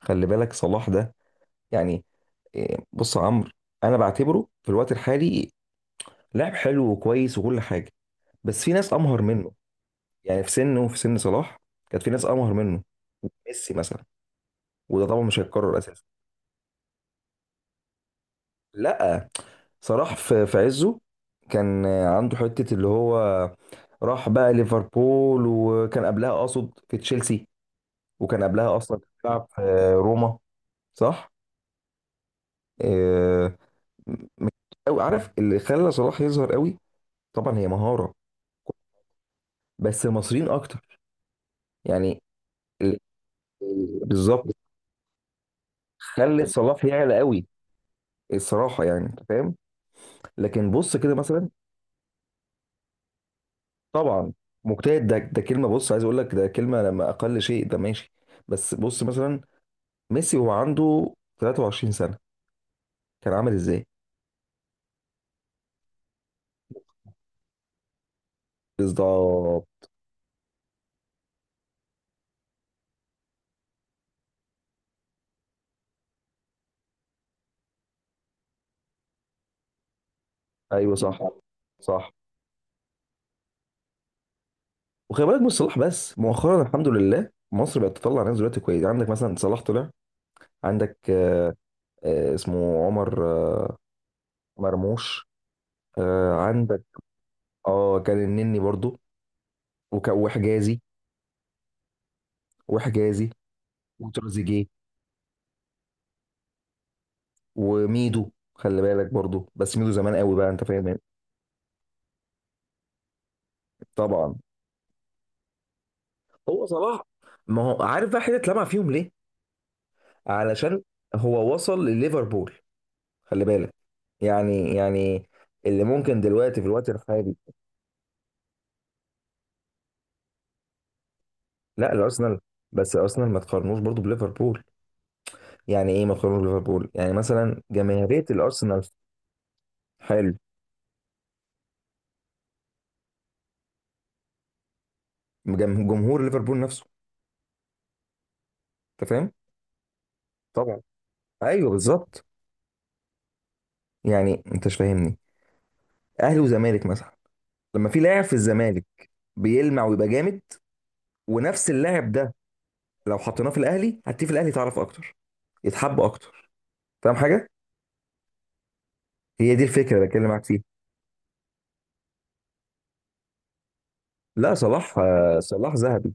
خلي بالك صلاح ده، يعني، إيه، بص يا عمرو. انا بعتبره في الوقت الحالي لاعب حلو وكويس وكل حاجه، بس في ناس امهر منه. يعني في سنه وفي سن صلاح كانت في ناس امهر منه، ميسي مثلا، وده طبعا مش هيتكرر اساسا. لا صلاح في عزه كان عنده حته اللي هو راح بقى ليفربول، وكان قبلها اقصد في تشيلسي، وكان قبلها اصلا بيلعب في روما، صح؟ إيه، او عارف اللي خلى صلاح يظهر قوي، طبعا هي مهاره، بس المصريين اكتر يعني. ال- بالظبط، خلت صلاح يعلى قوي. الصراحه يعني انت فاهم، لكن بص كده مثلا، طبعا. مجتهد ده كلمه، بص عايز اقول لك ده كلمه لما اقل شيء ده ماشي. بس بص مثلا ميسي وهو عنده 23 سنه كان عامل ازاي. بالظبط. ايوه صح، صح. وخلي بالك مش صلاح بس، مؤخرا الحمد لله مصر بقت تطلع ناس دلوقتي كويس. عندك مثلا صلاح طلع، عندك اسمه عمر. آه، مرموش. عندك اه كان النني برضو وحجازي، وحجازي وتريزيجيه وميدو. خلي بالك برضو بس ميدو زمان قوي بقى، انت فاهم يعني. طبعا. هو صلاح، ما هو عارف بقى حته اتلمع فيهم ليه، علشان هو وصل لليفربول، خلي بالك. يعني اللي ممكن دلوقتي في الوقت الحالي. لا الارسنال، بس الارسنال ما تقارنوش برضو بليفربول. يعني ايه ما تقارنوش بليفربول، يعني مثلا جماهيريه الارسنال، حلو. جمهور ليفربول نفسه، انت فاهم. طبعا. ايوه بالظبط. يعني انت مش فاهمني، اهلي وزمالك مثلا لما في لاعب في الزمالك بيلمع ويبقى جامد، ونفس اللاعب ده لو حطيناه في الاهلي هتلاقيه في الاهلي تعرف اكتر، يتحب اكتر، فاهم حاجه. هي دي الفكره اللي بتكلم معاك فيها. لا صلاح، صلاح ذهبي.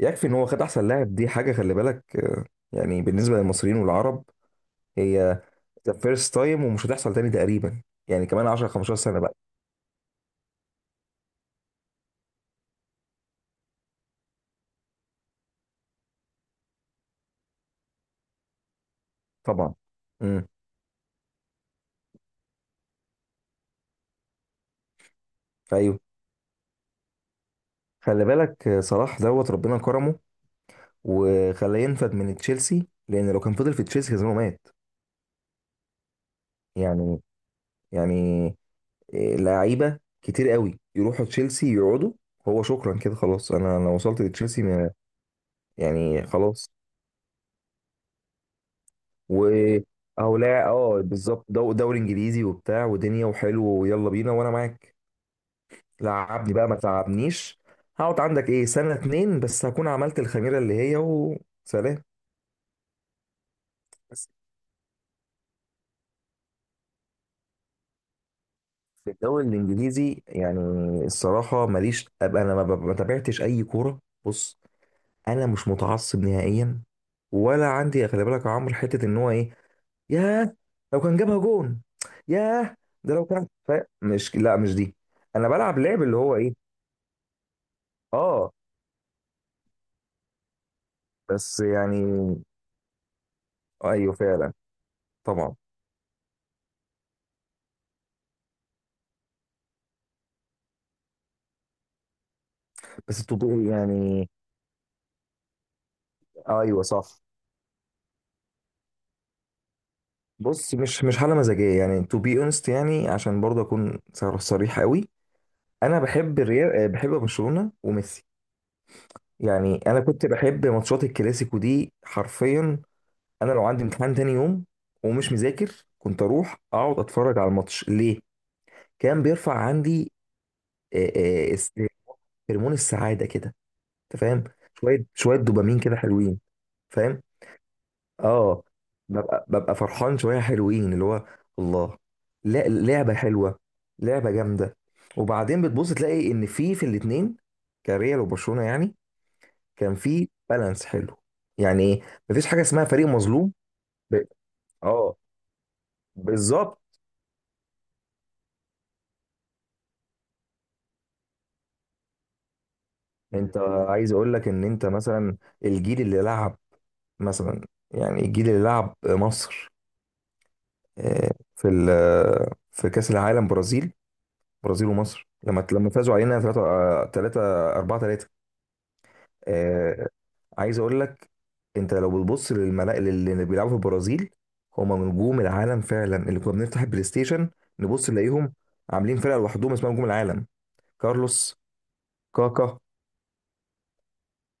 يكفي ان هو خد احسن لاعب، دي حاجه خلي بالك. يعني بالنسبه للمصريين والعرب، هي ذا فيرست تايم ومش هتحصل تاني تقريبا. يعني كمان 10 15 سنه بقى. طبعا. امم. ايوه. خلي بالك صلاح دوت ربنا كرمه وخلاه ينفد من تشيلسي، لان لو كان فضل في تشيلسي كان زمانه مات. يعني، يعني، إيه، لعيبه كتير قوي يروحوا تشيلسي يقعدوا. هو شكرا كده خلاص انا وصلت لتشيلسي، ما- يعني خلاص. و او لا اه بالظبط، دوري انجليزي وبتاع ودنيا وحلو، ويلا بينا وانا معاك. لعبني بقى ما تلعبنيش. هقعد عندك ايه سنه اتنين بس هكون عملت الخميره اللي هي، وسلام. في الدوري الانجليزي يعني. الصراحه ماليش، ابقى انا ما تابعتش اي كوره. بص انا مش متعصب نهائيا، ولا عندي خلي بالك يا عمرو حته ان هو ايه، ياه لو كان جابها جون ياه. ده لو كان مش دي. انا بلعب لعب اللي هو ايه، اه. بس يعني. ايوه فعلا. طبعا. بس تو بي يعني. ايوه صح. بص مش حاله مزاجيه يعني، تو بي اونست يعني، عشان برضه اكون صريح قوي. انا بحب الريال، بحب برشلونه وميسي. يعني انا كنت بحب ماتشات الكلاسيكو دي حرفيا. انا لو عندي امتحان تاني يوم ومش مذاكر كنت اروح اقعد اتفرج على الماتش، ليه؟ كان بيرفع عندي، آه، آه، است- هرمون السعاده كده. انت فاهم. شويه شويه دوبامين كده حلوين. فاهم. اه. ببقى فرحان شويه حلوين اللي هو الله. لا لعبه حلوه، لعبه جامده. وبعدين بتبص تلاقي ان في الاتنين كريال وبرشلونه يعني كان في بالانس حلو. يعني ايه، مفيش حاجه اسمها فريق مظلوم. ب... اه بالظبط. انت، عايز اقول لك ان انت مثلا الجيل اللي لعب مثلا، يعني الجيل اللي لعب مصر، آه، في ال... في كاس العالم برازيل. برازيل ومصر لما فازوا علينا 3 3 4 3. آه عايز اقول لك، انت لو بتبص للملا اللي بيلعبوا في البرازيل هم نجوم العالم فعلا اللي كنا بنفتح البلاي ستيشن نبص نلاقيهم عاملين فرقه لوحدهم اسمها نجوم العالم. كارلوس، كاكا،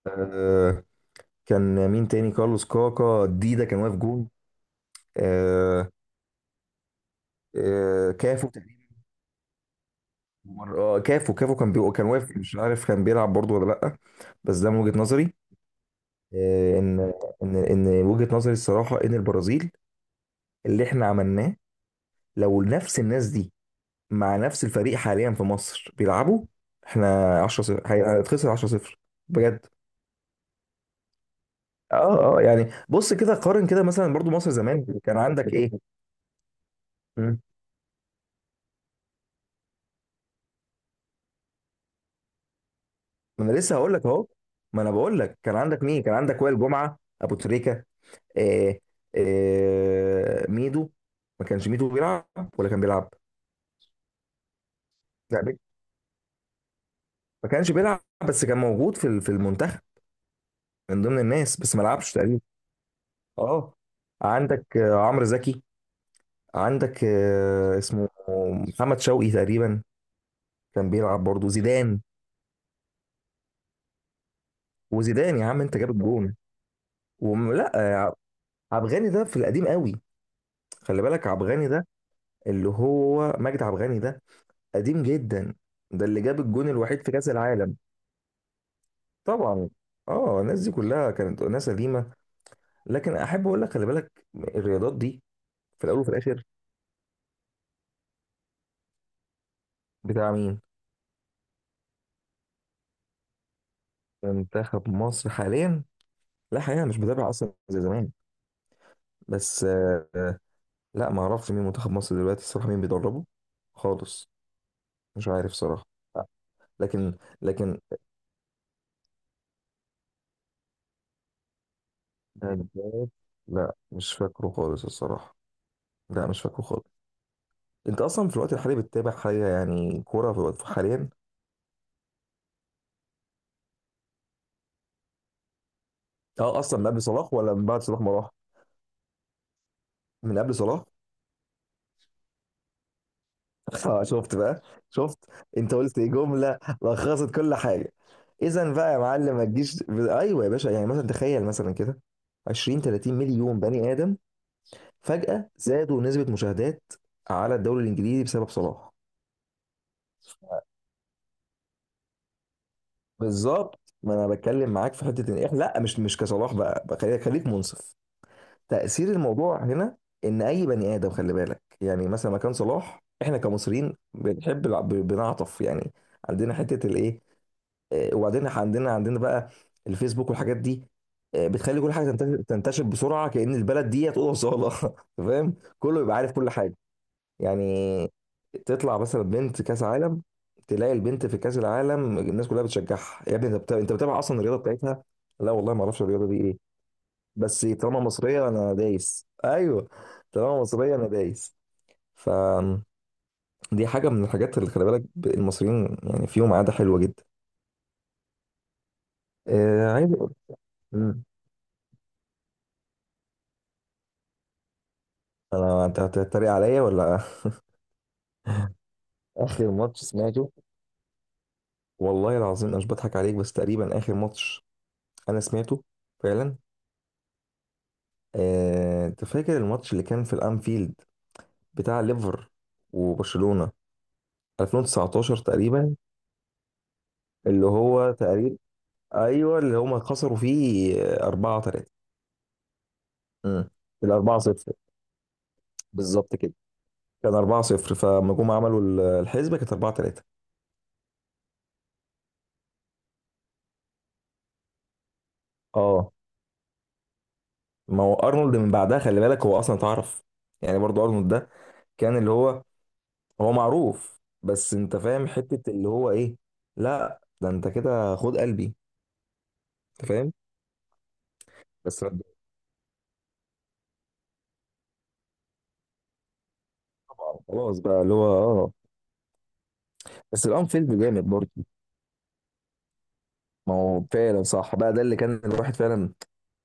آه كان مين تاني، كارلوس كاكا ديدا كان واقف جون. آه. آه كافو تقريبا. اه كافو، كافو كان كان واقف، مش عارف كان بيلعب برضه ولا لا. بس ده من وجهه نظري، آه. ان وجهه نظري الصراحه ان البرازيل اللي احنا عملناه لو نفس الناس دي مع نفس الفريق حاليا في مصر بيلعبوا احنا 10 0 هيتخسر 10 0 بجد. اه اه، يعني بص كده قارن كده مثلا برضو مصر زمان كان عندك ايه. مم. ما انا لسه هقول لك اهو، ما انا بقول لك كان عندك مين، كان عندك وائل جمعه ابو تريكه، آه، آه ميدو. ما كانش ميدو بيلعب ولا كان بيلعب؟ لا ما كانش بيلعب، بس كان موجود في في المنتخب، من ضمن الناس بس ما لعبش تقريبا. اه. عندك عمرو زكي. عندك اسمه محمد شوقي تقريبا كان بيلعب، برضه زيدان. وزيدان يا عم انت جاب الجون ولا، آه، عبغاني ده في القديم قوي. خلي بالك عبغاني ده اللي هو مجدي عبغاني ده، قديم جدا. ده اللي جاب الجون الوحيد في كأس العالم. طبعا. اه الناس دي كلها كانت ناس قديمة، لكن احب اقول لك خلي بالك الرياضات دي في الاول وفي الاخر. بتاع مين، منتخب مصر حاليا؟ لا حقيقة مش بتابع اصلا زي زمان، بس لا ما اعرفش مين منتخب مصر دلوقتي الصراحه مين بيدربه، خالص. مش عارف صراحه. لا. لكن. هداف؟ لا مش فاكره خالص الصراحه. لا مش فاكره خالص. انت اصلا في الوقت الحالي بتتابع حاجه يعني كوره في الوقت حاليا؟ اه اصلا من قبل صلاح ولا من بعد صلاح ما راح؟ من قبل صلاح. شفت بقى، شفت. انت قلت جمله لخصت كل حاجه. اذا بقى يا معلم ما تجيش، ايوه يا باشا. يعني مثلا تخيل مثلا كده 20 30 مليون بني ادم فجأة زادوا نسبة مشاهدات على الدوري الانجليزي بسبب صلاح. بالظبط، ما انا بتكلم معاك في حته ان احنا لا مش كصلاح بقى، خليك منصف. تاثير الموضوع هنا ان اي بني ادم خلي بالك، يعني مثلا مكان صلاح، احنا كمصريين بنحب بنعطف يعني. عندنا حته الايه، وبعدين إحنا عندنا بقى الفيسبوك والحاجات دي، بتخلي كل حاجه تنتشر، بسرعه كأن البلد دي هتقول صاله. فاهم. كله يبقى عارف كل حاجه يعني. تطلع مثلا بنت كاس عالم، تلاقي البنت في كاس العالم الناس كلها بتشجعها، يا ابني انت انت بتابع اصلا الرياضه بتاعتها؟ لا والله ما اعرفش الرياضه دي ايه، بس طالما مصريه انا دايس. ايوه، طالما مصريه انا دايس. فدي حاجه من الحاجات اللي خلي بالك المصريين يعني فيهم عاده حلوه جدا. آه عايز اقول. مم. انا، انت هتتريق عليا ولا. اخر ماتش سمعته، والله العظيم انا مش بضحك عليك بس تقريبا اخر ماتش انا سمعته فعلا، انت فاكر الماتش اللي كان في الانفيلد بتاع ليفر وبرشلونة 2019 تقريبا، اللي هو تقريبا، ايوه اللي هما خسروا فيه 4 3. امم. ال 4 0. بالظبط كده، كان 4 0 فلما جم عملوا الحسبة كانت 4 3. اه، ما هو ارنولد من بعدها خلي بالك هو اصلا اتعرف، يعني برضو ارنولد ده كان اللي هو، هو معروف، بس انت فاهم حتة اللي هو ايه. لا ده انت كده خد قلبي. انت فاهم. بس. خلاص بقى اللي هو اه. بس الانفيلد جامد برضه. ما هو فعلا صح بقى، ده اللي كان الواحد فعلا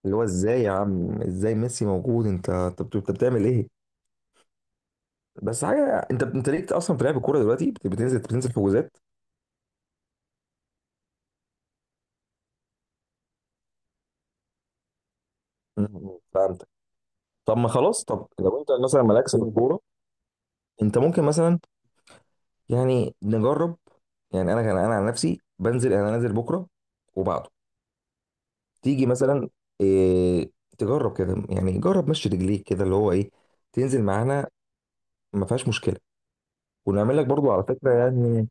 اللي هو ازاي يا عم ازاي ميسي موجود، انت انت بتعمل ايه. بس حاجه انت، انت ليك اصلا بتلعب الكوره دلوقتي، بتنزل، بتنزل في حجوزات؟ مم. فهمتك. طب ما خلاص، طب لو انت مثلا مالكش في الكوره، انت ممكن مثلا يعني نجرب. يعني انا كان انا عن نفسي بنزل، انا نازل بكره وبعده. تيجي مثلا، إيه، تجرب كده يعني جرب مشي رجليك كده اللي هو ايه، تنزل معانا، ما فيهاش مشكله. ونعمل لك برضو على فكره يعني.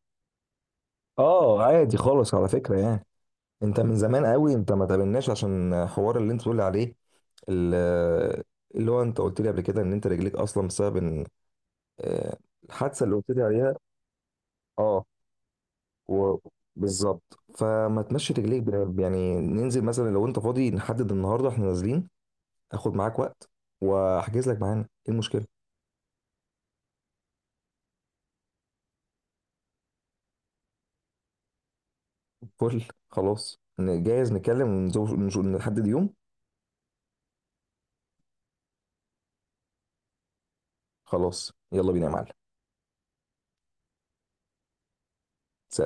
اه عادي خالص على فكره يعني. انت من زمان قوي انت ما تقابلناش، عشان حوار اللي انت بتقول عليه ال- اللي هو انت قلت لي قبل كده ان انت رجليك اصلا بسبب ان، آه، الحادثه اللي قلت لي عليها، اه، و- بالظبط. فما تمشي رجليك يعني ننزل مثلا لو انت فاضي نحدد النهارده احنا نازلين، اخد معاك وقت، واحجز لك معانا، ايه المشكله. فل خلاص جاهز نتكلم ونشوف، نحدد يوم. خلاص يلا بينا يا معلم. سلام.